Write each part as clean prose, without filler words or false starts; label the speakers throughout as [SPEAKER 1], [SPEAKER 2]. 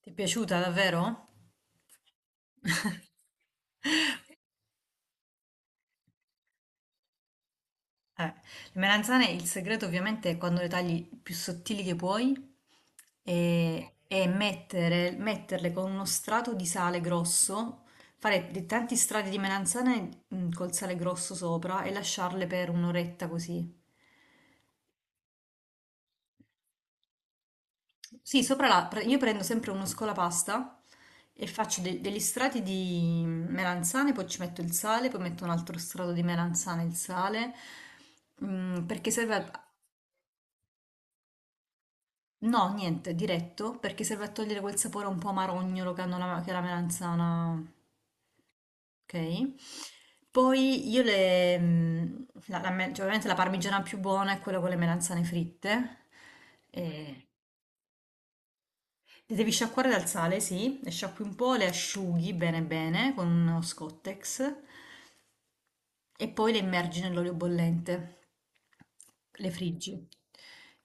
[SPEAKER 1] Ti è piaciuta davvero? Le melanzane, il segreto ovviamente è quando le tagli più sottili che puoi e, metterle con uno strato di sale grosso, fare dei tanti strati di melanzane col sale grosso sopra e lasciarle per un'oretta così. Sì, sopra io prendo sempre uno scolapasta e faccio degli strati di melanzane, poi ci metto il sale, poi metto un altro strato di melanzane e il sale, perché serve a... No, niente, diretto, perché serve a togliere quel sapore un po' amarognolo che hanno che la melanzana, ok? Poi io cioè, ovviamente la parmigiana più buona è quella con le melanzane fritte, e le devi sciacquare dal sale, sì, le sciacqui un po', le asciughi bene bene con uno Scottex e poi le immergi nell'olio bollente. Le friggi.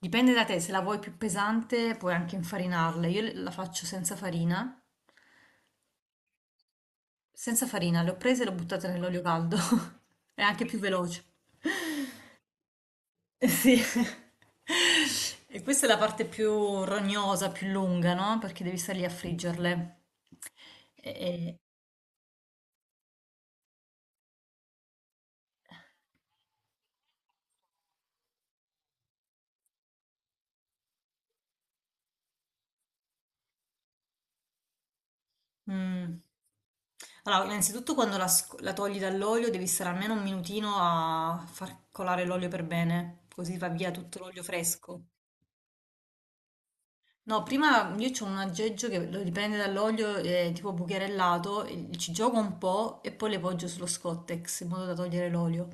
[SPEAKER 1] Dipende da te, se la vuoi più pesante puoi anche infarinarle. Io la faccio senza farina. Senza farina, le ho prese e le ho buttate nell'olio caldo. È anche più veloce. Eh sì. E questa è la parte più rognosa, più lunga, no? Perché devi stare lì a friggerle. E, mm. Allora, innanzitutto quando la togli dall'olio devi stare almeno un minutino a far colare l'olio per bene, così va via tutto l'olio fresco. No, prima io ho un aggeggio che lo dipende dall'olio, tipo bucherellato, e ci gioco un po' e poi le poggio sullo Scottex in modo da togliere l'olio.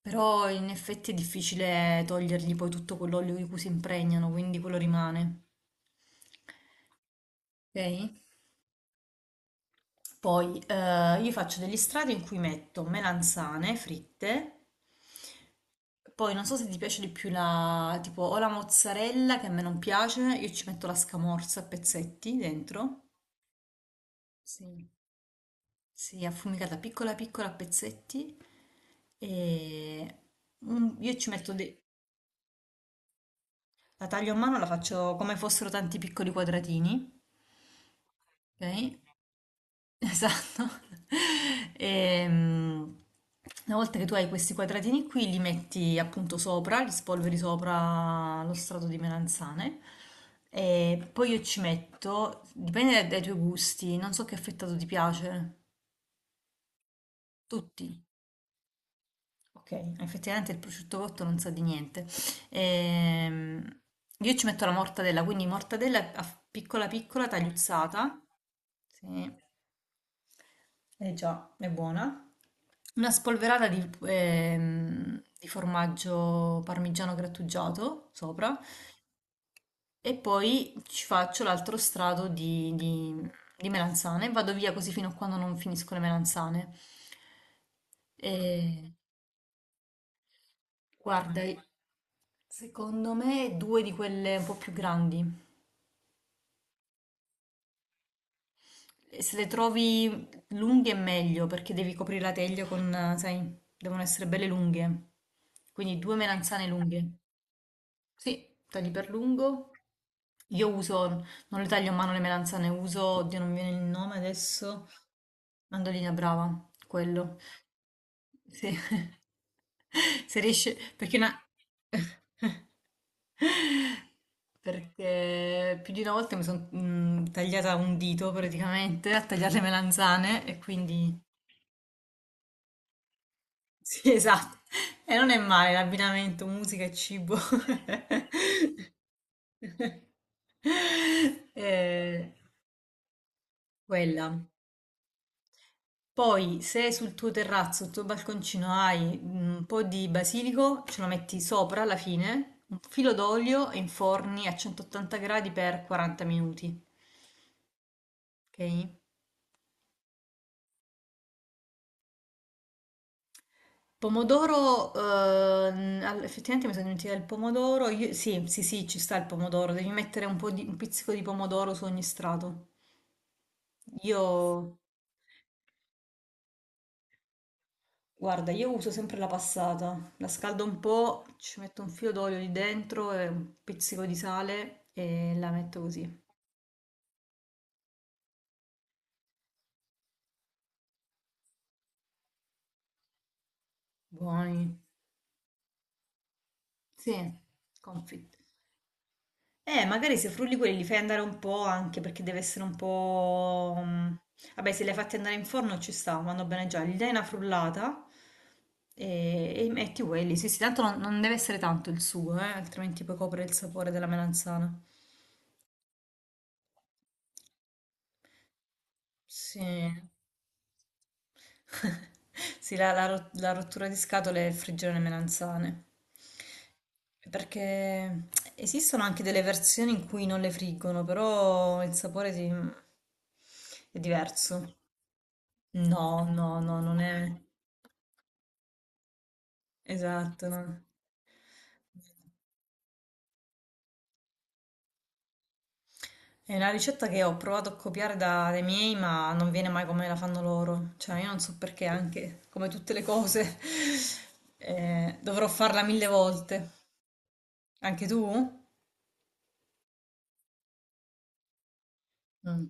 [SPEAKER 1] Però in effetti è difficile togliergli poi tutto quell'olio di cui si impregnano, quindi quello rimane. Ok? Poi io faccio degli strati in cui metto melanzane fritte, poi non so se ti piace di più tipo o la mozzarella che a me non piace, io ci metto la scamorza a pezzetti dentro, sì, sì, affumicata piccola piccola a pezzetti e io ci metto, de- la taglio a mano, la faccio come fossero tanti piccoli quadratini, ok? Esatto. Ehm, una volta che tu hai questi quadratini qui, li metti appunto sopra, li spolveri sopra lo strato di melanzane e poi io ci metto, dipende dai tuoi gusti, non so che affettato ti piace, tutti. Ok, effettivamente il prosciutto cotto non sa di niente. Ehm, io ci metto la mortadella, quindi mortadella piccola piccola tagliuzzata. Sì. Eh già, è buona. Una spolverata di formaggio parmigiano grattugiato sopra e poi ci faccio l'altro strato di melanzane. Vado via così fino a quando non finisco le melanzane. E, guarda, secondo me due di quelle un po' più grandi. E se le trovi lunghe è meglio perché devi coprire la teglia con, sai, devono essere belle lunghe. Quindi due melanzane lunghe. Sì, tagli per lungo. Io uso, non le taglio a mano le melanzane, uso, oddio non mi viene il nome adesso, mandolina brava, quello. Sì. Se riesce, perché una... Perché più di una volta mi sono tagliata un dito praticamente a tagliare le melanzane e quindi... Sì, esatto. E non è male l'abbinamento musica e cibo. Eh, quella. Poi, se sul tuo terrazzo, sul tuo balconcino hai un po' di basilico, ce lo metti sopra alla fine, un filo d'olio e inforni a 180 gradi per 40 minuti. Ok? Pomodoro, effettivamente mi sono dimenticata il pomodoro. Sì, sì, sì, ci sta il pomodoro. Devi mettere un pizzico di pomodoro su ogni strato. Io Guarda, io uso sempre la passata, la scaldo un po', ci metto un filo d'olio lì dentro e un pizzico di sale e la metto così. Buoni. Sì, confit. Magari se frulli quelli li fai andare un po' anche perché deve essere un po'... mm, vabbè, se li hai fatti andare in forno ci sta, vanno bene già. Gli dai una frullata e metti quelli. Sì, sì, tanto non deve essere tanto il sugo, altrimenti poi copre il sapore della melanzana. Sì. Sì, la rottura di scatole e il friggere le melanzane. Perché esistono anche delle versioni in cui non le friggono, però il sapore è diverso. No, no, no, non è esatto. No. È una ricetta che ho provato a copiare dai miei, ma non viene mai come la fanno loro. Cioè, io non so perché, anche come tutte le cose, dovrò farla mille volte. Anche tu? Mm.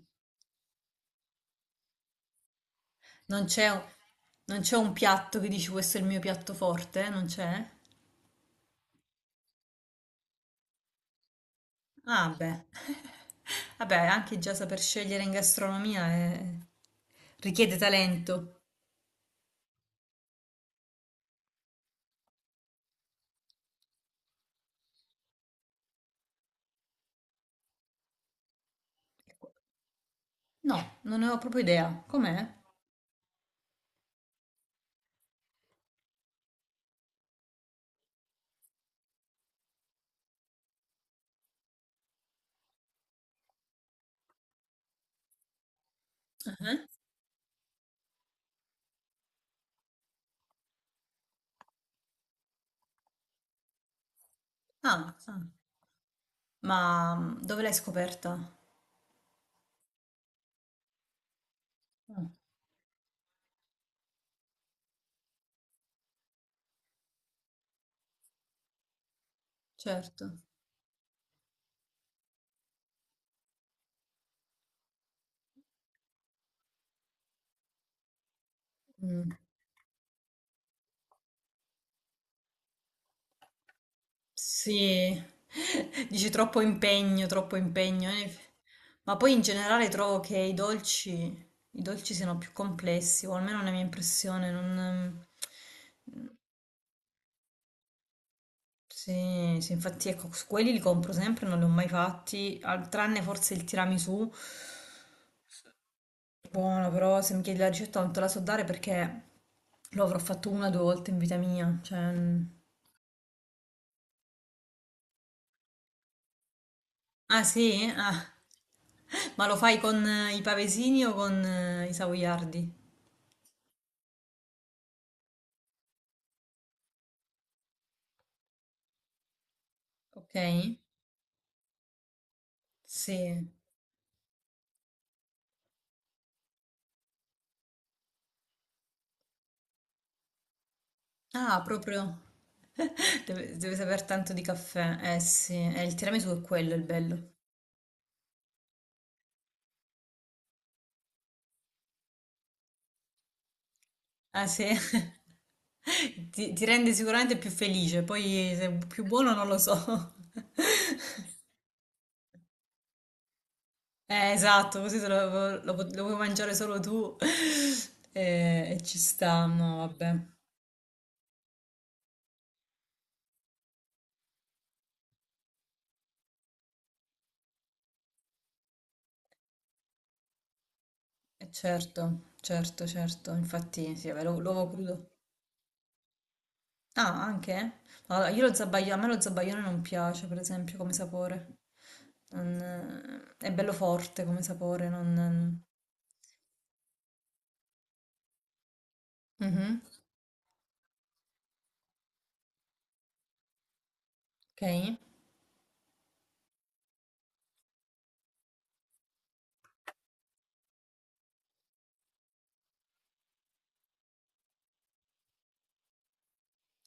[SPEAKER 1] Non c'è un, non c'è un piatto che dici questo è il mio piatto forte? Eh? Non c'è? Ah, beh. Vabbè, anche già saper scegliere in gastronomia richiede talento. No, non ne ho proprio idea. Com'è? Mhm. Ah, ah. Ma dove l'hai scoperta? Ah, certo. Mm. Sì, dici troppo impegno, troppo impegno. Eh. Ma poi in generale trovo che i dolci siano più complessi, o almeno è una mia impressione. Non... Sì, sì, infatti ecco, su quelli li compro sempre, non li ho mai fatti, tranne forse il tiramisù. Buono, però se mi chiedi la ricetta non te la so dare perché lo avrò fatto una o due volte in vita mia. Cioè... mm, ah sì? Ah. Ma lo fai con i pavesini o con i savoiardi? Ok? Sì. Ah, proprio. Deve, deve saper tanto di caffè. Eh sì, il tiramisù è quello il bello. Ah sì? Ti rende sicuramente più felice, poi se è più buono non lo so. Esatto, così lo puoi mangiare solo tu. E, ci sta, no, vabbè. Certo, certo, certo, infatti sì, vabbè, l'uovo crudo. Ah, anche? Eh? Allora, a me lo zabaione non piace, per esempio, come sapore. Non... è bello forte come sapore, non... Mhm, ok.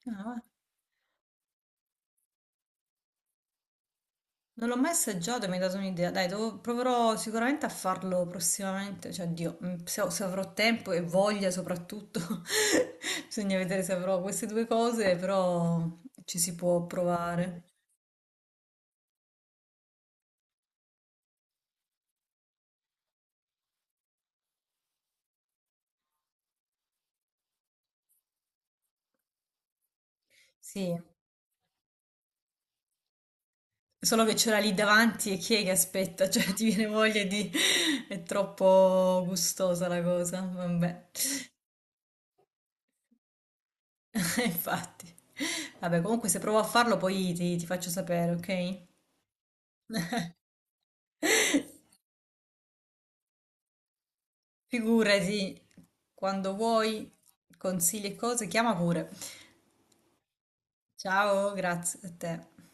[SPEAKER 1] Ah, va. Non l'ho mai assaggiato e mi hai dato un'idea. Dai, proverò sicuramente a farlo prossimamente, cioè, Dio, se avrò tempo e voglia soprattutto. Bisogna vedere se avrò queste due cose, però ci si può provare. Sì. Solo che ce l'ha lì davanti e chi è che aspetta? Cioè, ti viene voglia di... È troppo gustosa la cosa. Vabbè, infatti. Vabbè, comunque se provo a farlo poi ti faccio sapere, ok? Figurati, quando vuoi, consigli e cose, chiama pure. Ciao, grazie a te.